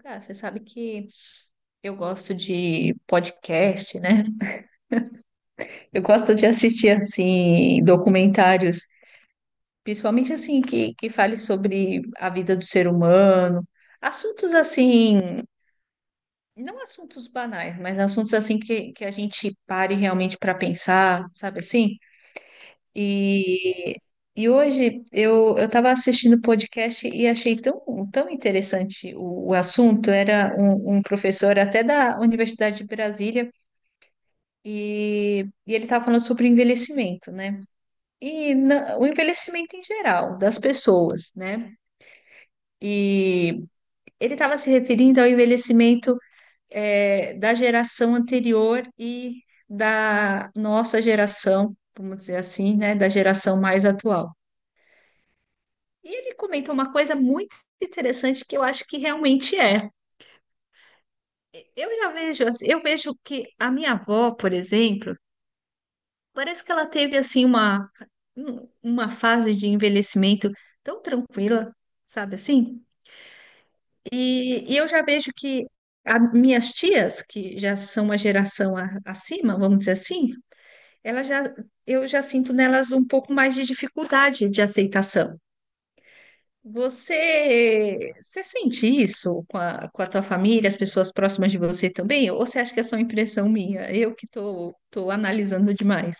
Cara, você sabe que eu gosto de podcast, né? Eu gosto de assistir assim documentários, principalmente assim que fale sobre a vida do ser humano, assuntos assim, não assuntos banais, mas assuntos assim que a gente pare realmente para pensar, sabe assim? E e hoje eu estava assistindo podcast e achei tão interessante o assunto. Era um professor até da Universidade de Brasília. E ele estava falando sobre o envelhecimento, né? E o envelhecimento em geral das pessoas, né? E ele estava se referindo ao envelhecimento da geração anterior e da nossa geração, vamos dizer assim, né? Da geração mais atual. E ele comentou uma coisa muito interessante que eu acho que realmente é. Eu já vejo, eu vejo que a minha avó, por exemplo, parece que ela teve assim uma uma fase de envelhecimento tão tranquila, sabe assim? E eu já vejo que minhas tias, que já são uma geração acima, vamos dizer assim, ela já eu já sinto nelas um pouco mais de dificuldade de aceitação. Você sente isso com com a tua família, as pessoas próximas de você também? Ou você acha que é só impressão minha? Eu que tô analisando demais.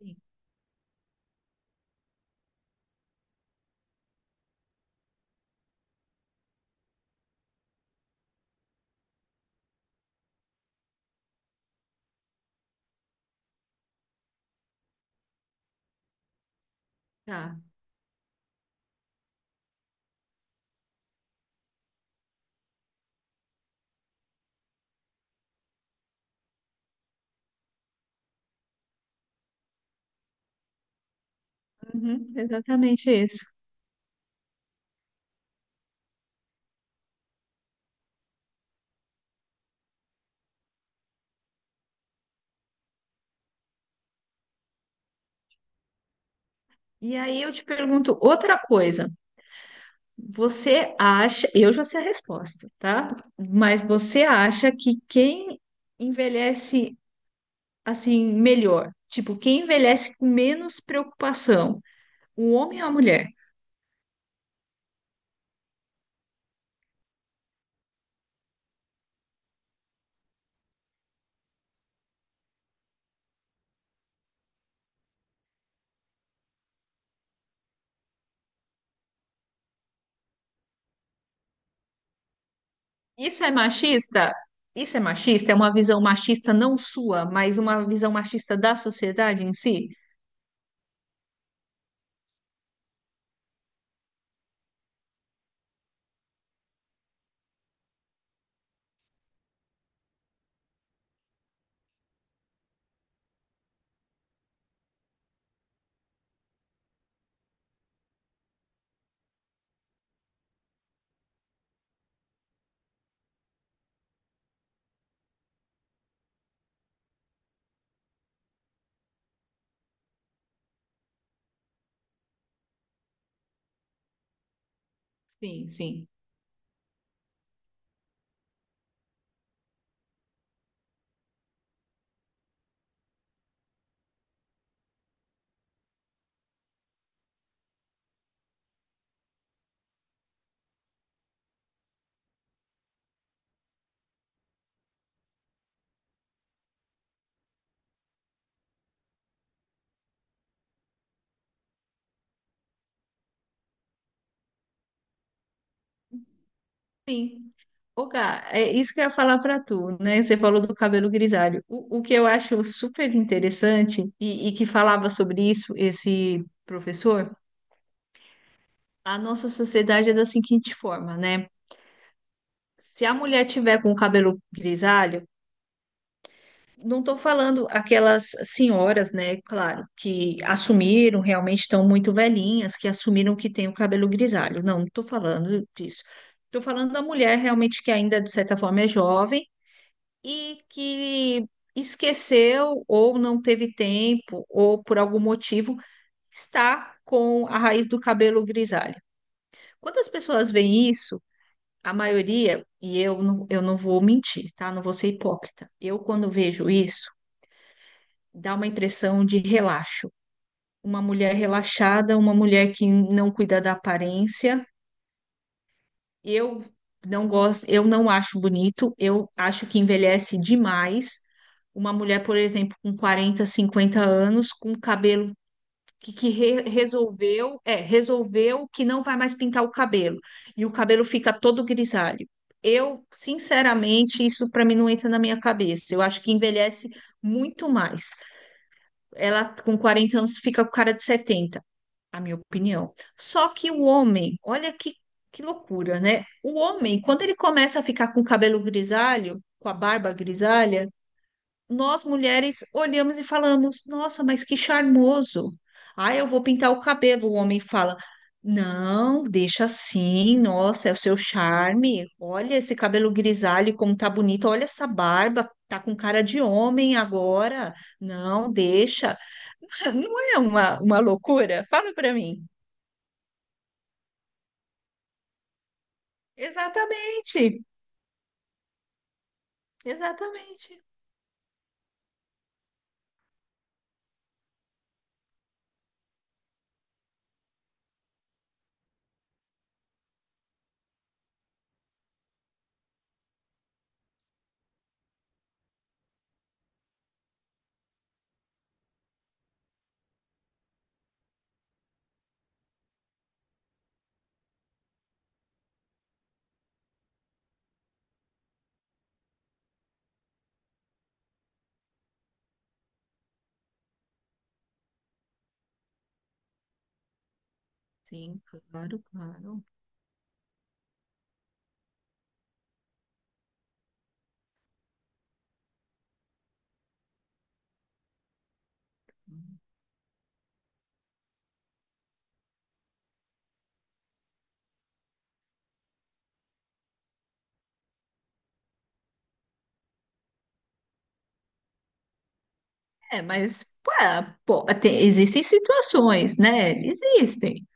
Sim. Tá. Uhum, exatamente isso. E aí eu te pergunto outra coisa. Você acha, eu já sei a resposta, tá? Mas você acha que quem envelhece assim melhor, tipo, quem envelhece com menos preocupação, o homem ou a mulher? Isso é machista? Isso é machista? É uma visão machista não sua, mas uma visão machista da sociedade em si? Sim, sim. Sim. Ô, Gá, é isso que eu ia falar para tu, né? Você falou do cabelo grisalho. O que eu acho super interessante e que falava sobre isso esse professor, a nossa sociedade é da seguinte forma, né? Se a mulher tiver com o cabelo grisalho, não estou falando aquelas senhoras, né? Claro, que assumiram, realmente estão muito velhinhas, que assumiram que tem o cabelo grisalho. Não, não estou falando disso. Estou falando da mulher realmente que ainda, de certa forma, é jovem e que esqueceu ou não teve tempo ou por algum motivo está com a raiz do cabelo grisalha. Quando as pessoas veem isso, a maioria, e eu não vou mentir, tá? Não vou ser hipócrita. Eu, quando vejo isso, dá uma impressão de relaxo. Uma mulher relaxada, uma mulher que não cuida da aparência, eu não gosto, eu não acho bonito, eu acho que envelhece demais. Uma mulher, por exemplo, com 40, 50 anos, com cabelo que resolveu, resolveu que não vai mais pintar o cabelo, e o cabelo fica todo grisalho. Eu, sinceramente, isso para mim não entra na minha cabeça. Eu acho que envelhece muito mais. Ela com 40 anos fica com cara de 70, a minha opinião. Só que o homem, que loucura, né? O homem, quando ele começa a ficar com o cabelo grisalho, com a barba grisalha, nós mulheres olhamos e falamos: Nossa, mas que charmoso! Ah, eu vou pintar o cabelo. O homem fala: Não, deixa assim. Nossa, é o seu charme. Olha esse cabelo grisalho, como tá bonito. Olha essa barba, tá com cara de homem agora. Não, deixa. Não é uma loucura? Fala pra mim. Exatamente, exatamente. Sim, claro, claro. É, pô, existem situações, né? Existem.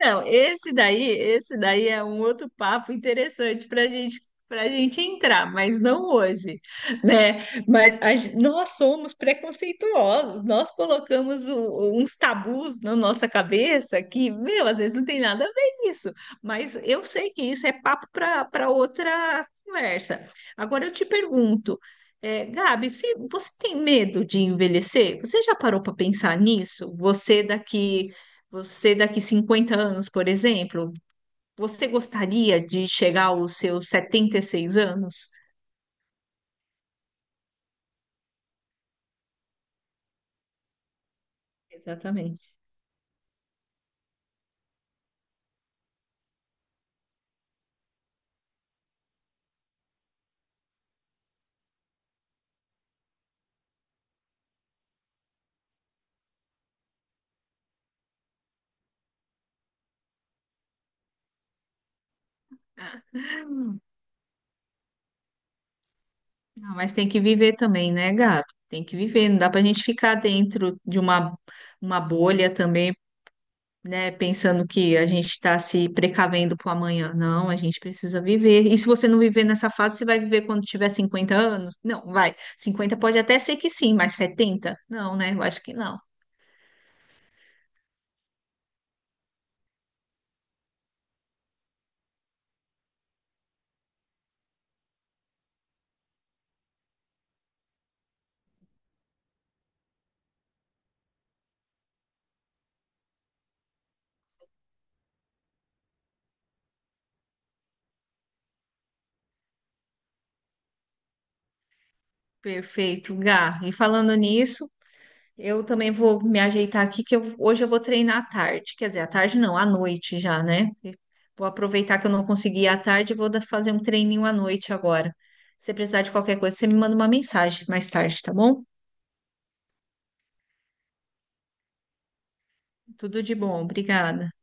Não, esse daí é um outro papo interessante para gente entrar, mas não hoje, né? Mas a nós somos preconceituosos, nós colocamos uns tabus na nossa cabeça que, meu, às vezes não tem nada a ver com isso, mas eu sei que isso é papo para outra conversa. Agora eu te pergunto, Gabi, se você tem medo de envelhecer? Você já parou para pensar nisso? Você daqui 50 anos, por exemplo, você gostaria de chegar aos seus 76 anos? Exatamente. Ah, mas tem que viver também, né, Gabi? Tem que viver, não dá para a gente ficar dentro de uma bolha também, né, pensando que a gente está se precavendo para o amanhã. Não, a gente precisa viver. E se você não viver nessa fase, você vai viver quando tiver 50 anos? Não, vai. 50 pode até ser que sim, mas 70? Não, né? Eu acho que não. Perfeito, Gá. E falando nisso, eu também vou me ajeitar aqui, que hoje eu vou treinar à tarde. Quer dizer, à tarde não, à noite já, né? Vou aproveitar que eu não consegui ir à tarde e vou fazer um treininho à noite agora. Se precisar de qualquer coisa, você me manda uma mensagem mais tarde, tá bom? Tudo de bom, obrigada.